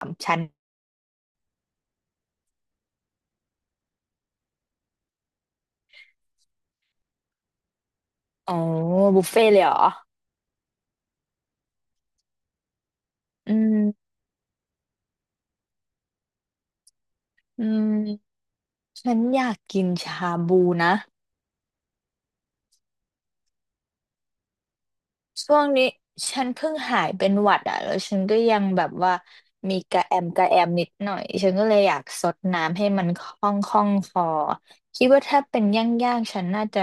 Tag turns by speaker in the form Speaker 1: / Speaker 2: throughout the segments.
Speaker 1: สามชั้นอ๋อบุฟเฟ่ต์เลยเหรออืมอืมฉันอยากกินชาบูนะช่วงนี้ฉันเพิ่งหายเป็นหวัดอ่ะแล้วฉันก็ยังแบบว่ามีกระแอมนิดหน่อยฉันก็เลยอยากซดน้ำให้มันคล่องคอคิดว่าถ้าเป็นย่างๆฉันน่าจะ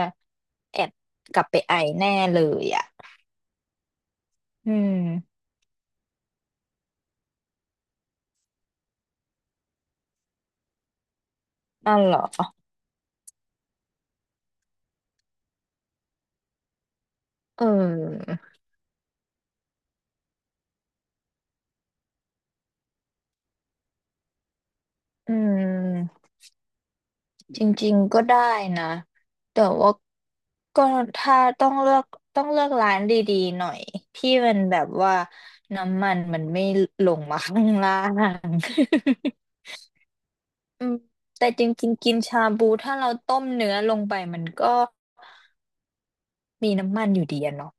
Speaker 1: แอบกลับไปไอแน่เลยอ่ะอืมนั่นเหรอเอออืม จริงๆก็ได้นะแต่ว่าก็ถ้าต้องเลือกร้านดีๆหน่อยที่มันแบบว่าน้ำมันมันไม่ลงมาข้างล่าง อืมแต่จริงๆกินชาบูถ้าเราต้มเนื้อลงไปมันก็มีน้ำมันอยู่ดีอะเนาะ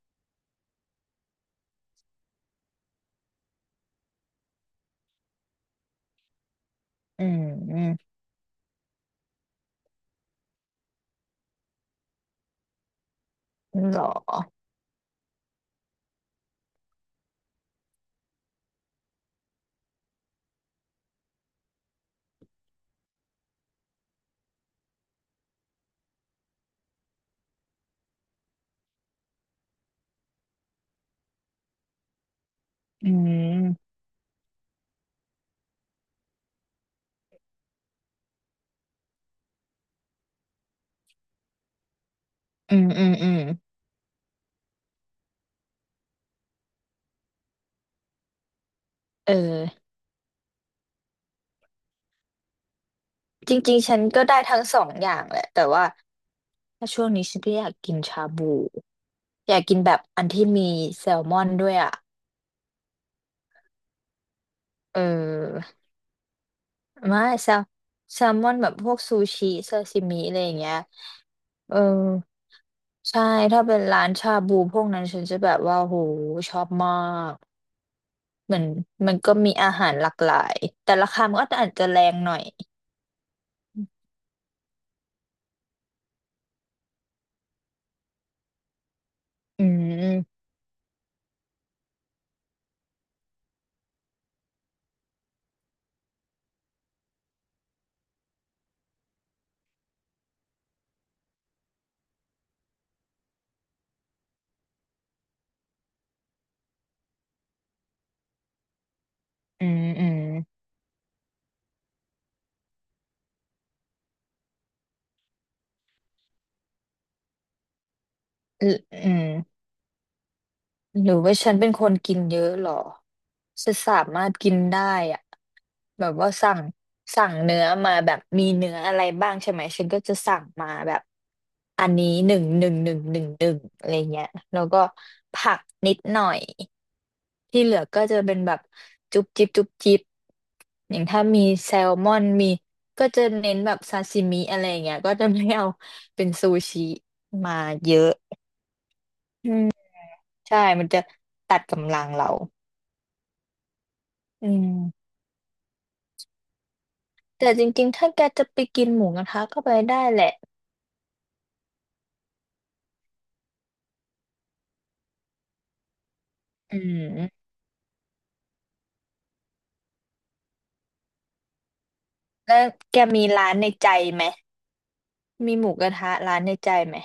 Speaker 1: อืมอืมหรออืมอืมอืมอืมเออ จริงๆฉันก็ได้ทั้งสองอย่างแหละแต่ว่าถ้าช่วงนี้ฉันก็อยากกินชาบูอยากกินแบบอันที่มีแซลมอนด้วยอ่ะเออไม่แซลแซลมอนแบบพวกซูชิซาซิมิอะไรอย่างเงี้ยเออใช่ถ้าเป็นร้านชาบูพวกนั้นฉันจะแบบว่าโหชอบมากเหมือนมันก็มีอาหารหลากหลาย แต่ราคามันก็อาจจะแรงหน่อยอืมอืมอืมอืม หรือว่าฉันเป็นคนกินเยอะเหรอ ฉันสามารถกินได้อะแบบว่าสั่งเนื้อมาแบบมีเนื้ออะไรบ้างใช่ไหมฉันก็จะสั่งมาแบบอันนี้หนึ่งหนึ่งหนึ่งหนึ่งหนึ่งอะไรเงี้ยแล้วก็ผักนิดหน่อยที่เหลือก็จะเป็นแบบจุ๊บจิ๊บจุ๊บจิ๊บอย่างถ้ามีแซลมอนมีก็จะเน้นแบบซาซิมิอะไรเงี้ยก็จะไม่เอาเป็นซูชิมาเยอะใช่มันจะตัดกำลังเรา อืมแต่จริงๆถ้าแกจะไปกินหมูกระทะก็ไปได้แหละอืมแล้วแกมีร้านในใจไหมมีหมูกระทะร้านในใจไหม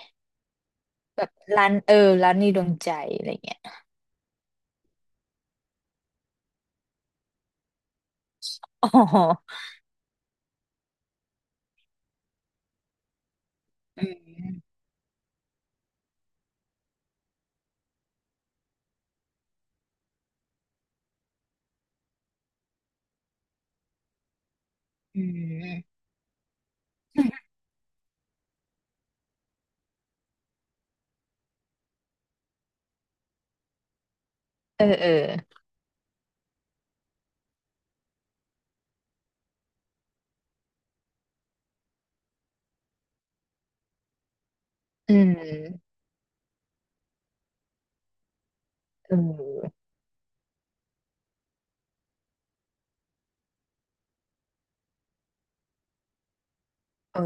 Speaker 1: แบบร้านเออร้านในดวงใจอะไรเงี้ยอ๋ออืมอืมเออเอออืมเออเออ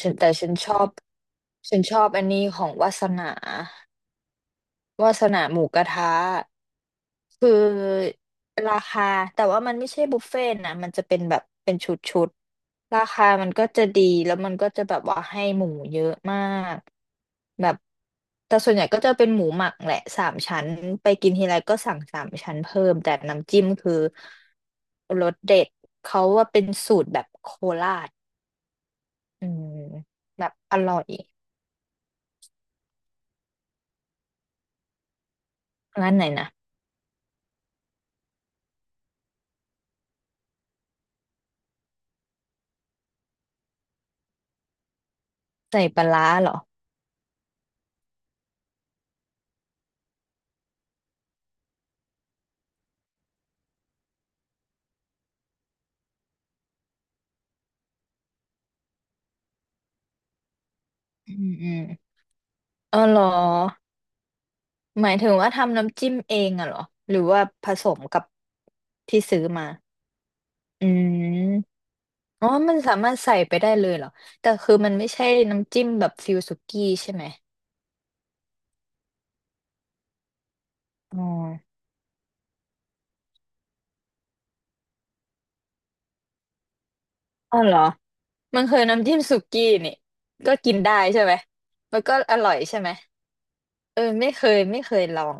Speaker 1: ฉันชอบฉันชอบอันนี้ของวาสนา วาสนาหมูกระทะคือราคาแต่ว่ามันไม่ใช่บุฟเฟ่ต์นะมันจะเป็นแบบเป็นชุดชุดราคามันก็จะดีแล้วมันก็จะแบบว่าให้หมูเยอะมากแบบแต่ส่วนใหญ่ก็จะเป็นหมูหมักแหละสามชั้นไปกินทีไรก็สั่งสามชั้นเพิ่มแต่น้ำจิ้มคือรสเด็ดเขาว่าเป็นสูตรแบบโคราชอืมแบบอร่อยร้านไหนนะใส่ปลาร้าเหรออืมอืมอ๋อเหรอ หมายถึงว่าทำน้ำจิ้มเองอะเหรอหรือว่าผสมกับที่ซื้อมาอืมอ๋อมันสามารถใส่ไปได้เลยเหรอแต่คือมันไม่ใช่น้ำจิ้มแบบฟิลสุกี้ใช่ไหมอ๋ออ๋อเหรอมันคือน้ำจิ้มสุกี้นี่ก็กินได้ใช่ไหมมันก็อร่อยใช่ไหมเออไม่เคยลอง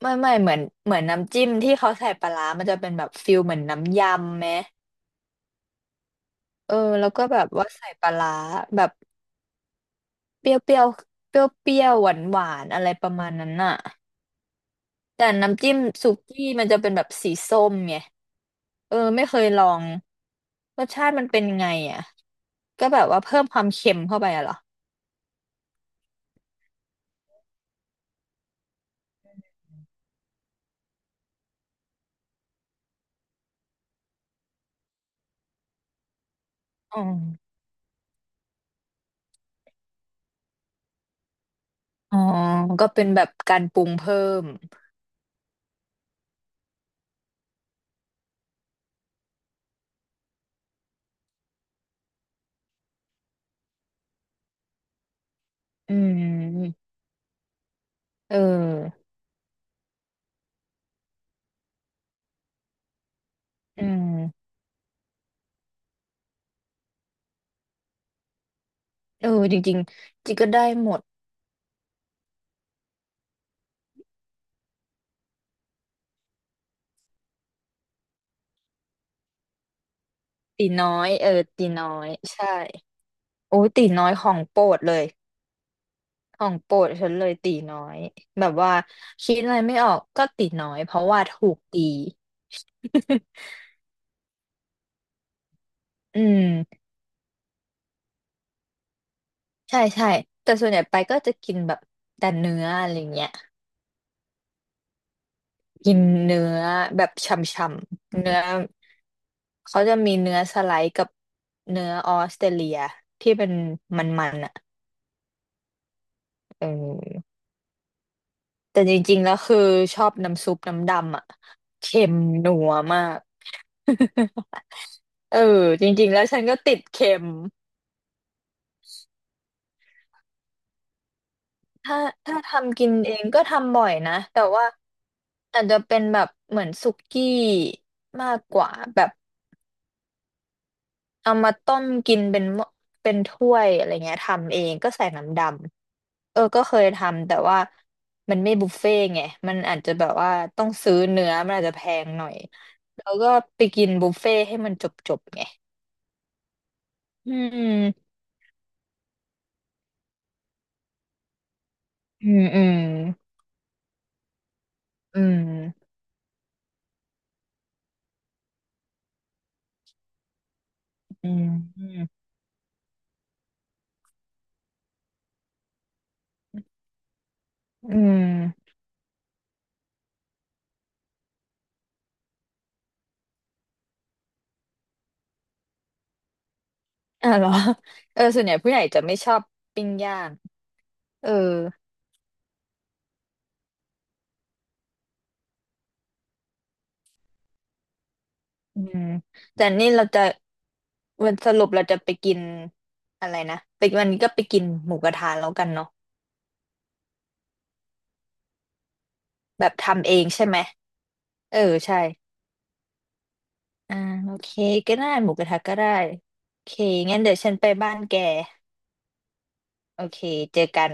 Speaker 1: ไม่เหมือนเหมือนน้ำจิ้มที่เขาใส่ปลาร้ามันจะเป็นแบบฟิลเหมือนน้ำยำไหมเออแล้วก็แบบว่าใส่ปลาร้าแบบ เปรี้ยวเปรี้ยวเปรี้ยวเปรี้ยวหวานหวานๆ อะไรประมาณนั้นน่ะแต่น้ำจิ้มสุกี้มันจะเป็นแบบสีส้มไงเออไม่เคยลองรสชาติมันเป็นไงอ่ะ ก็แบบว่าเพิ่มความเค็มเข้าไปอะเหรออ๋ออ๋อ ก็เป็นแบบการปรุงเพิ่ม อืม เออ อืมเออจริงๆจิก็ได้หมดตีน้อย เออตีน้อยใช่โอ้ยตีน้อยของโปรดเลย ของโปรดฉันเลยตีน้อยแบบว่าคิดอะไรไม่ออกก็ตีน้อยเพราะว่าถูกตี อืมใช่ใช่แต่ส่วนใหญ่ไปก็จะกินแบบแต่เนื้ออะไรเงี้ยกินเนื้อแบบฉ่ำๆเนื้อเขาจะมีเนื้อสไลด์กับเนื้อออสเตรเลียที่เป็นมันๆอ่ะเออแต่จริงๆแล้วคือชอบน้ำซุปน้ำดำอ่ะเค็มนัวมาก เออจริงๆแล้วฉันก็ติดเค็ม ถ้าถ้าทำกินเองก็ทำบ่อยนะแต่ว่าอาจจะเป็นแบบเหมือนสุกี้มากกว่าแบบเอามาต้มกินเป็นหม้อเป็นถ้วยอะไรเงี้ยทำเองก็ใส่น้ำดำเออก็เคยทำแต่ว่ามันไม่บุฟเฟ่ต์ไงมันอาจจะแบบว่าต้องซื้อเนื้อมันอาจจะแพงหน่อยแล้วก็ไปกินบุฟเฟ่ต์ให้มันจบไงอืมอืมอืมอืมอืมอืม อ่ะเหรอ เออส่วนใหญ่ผู้ใหญ่จะไม่ชอบปิ้งย่างเอออืมแต่นี่เราจะวันสรุปเราจะไปกินอะไรนะไปวันนี้ก็ไปกินหมูกระทะแล้วกันเนาะแบบทำเองใช่ไหม เออใช่อ่าโอเคก็ได้หมูกระทะก็ได้โอเคงั้นเดี๋ยวฉันไปบ้านแกโอเคเจอกัน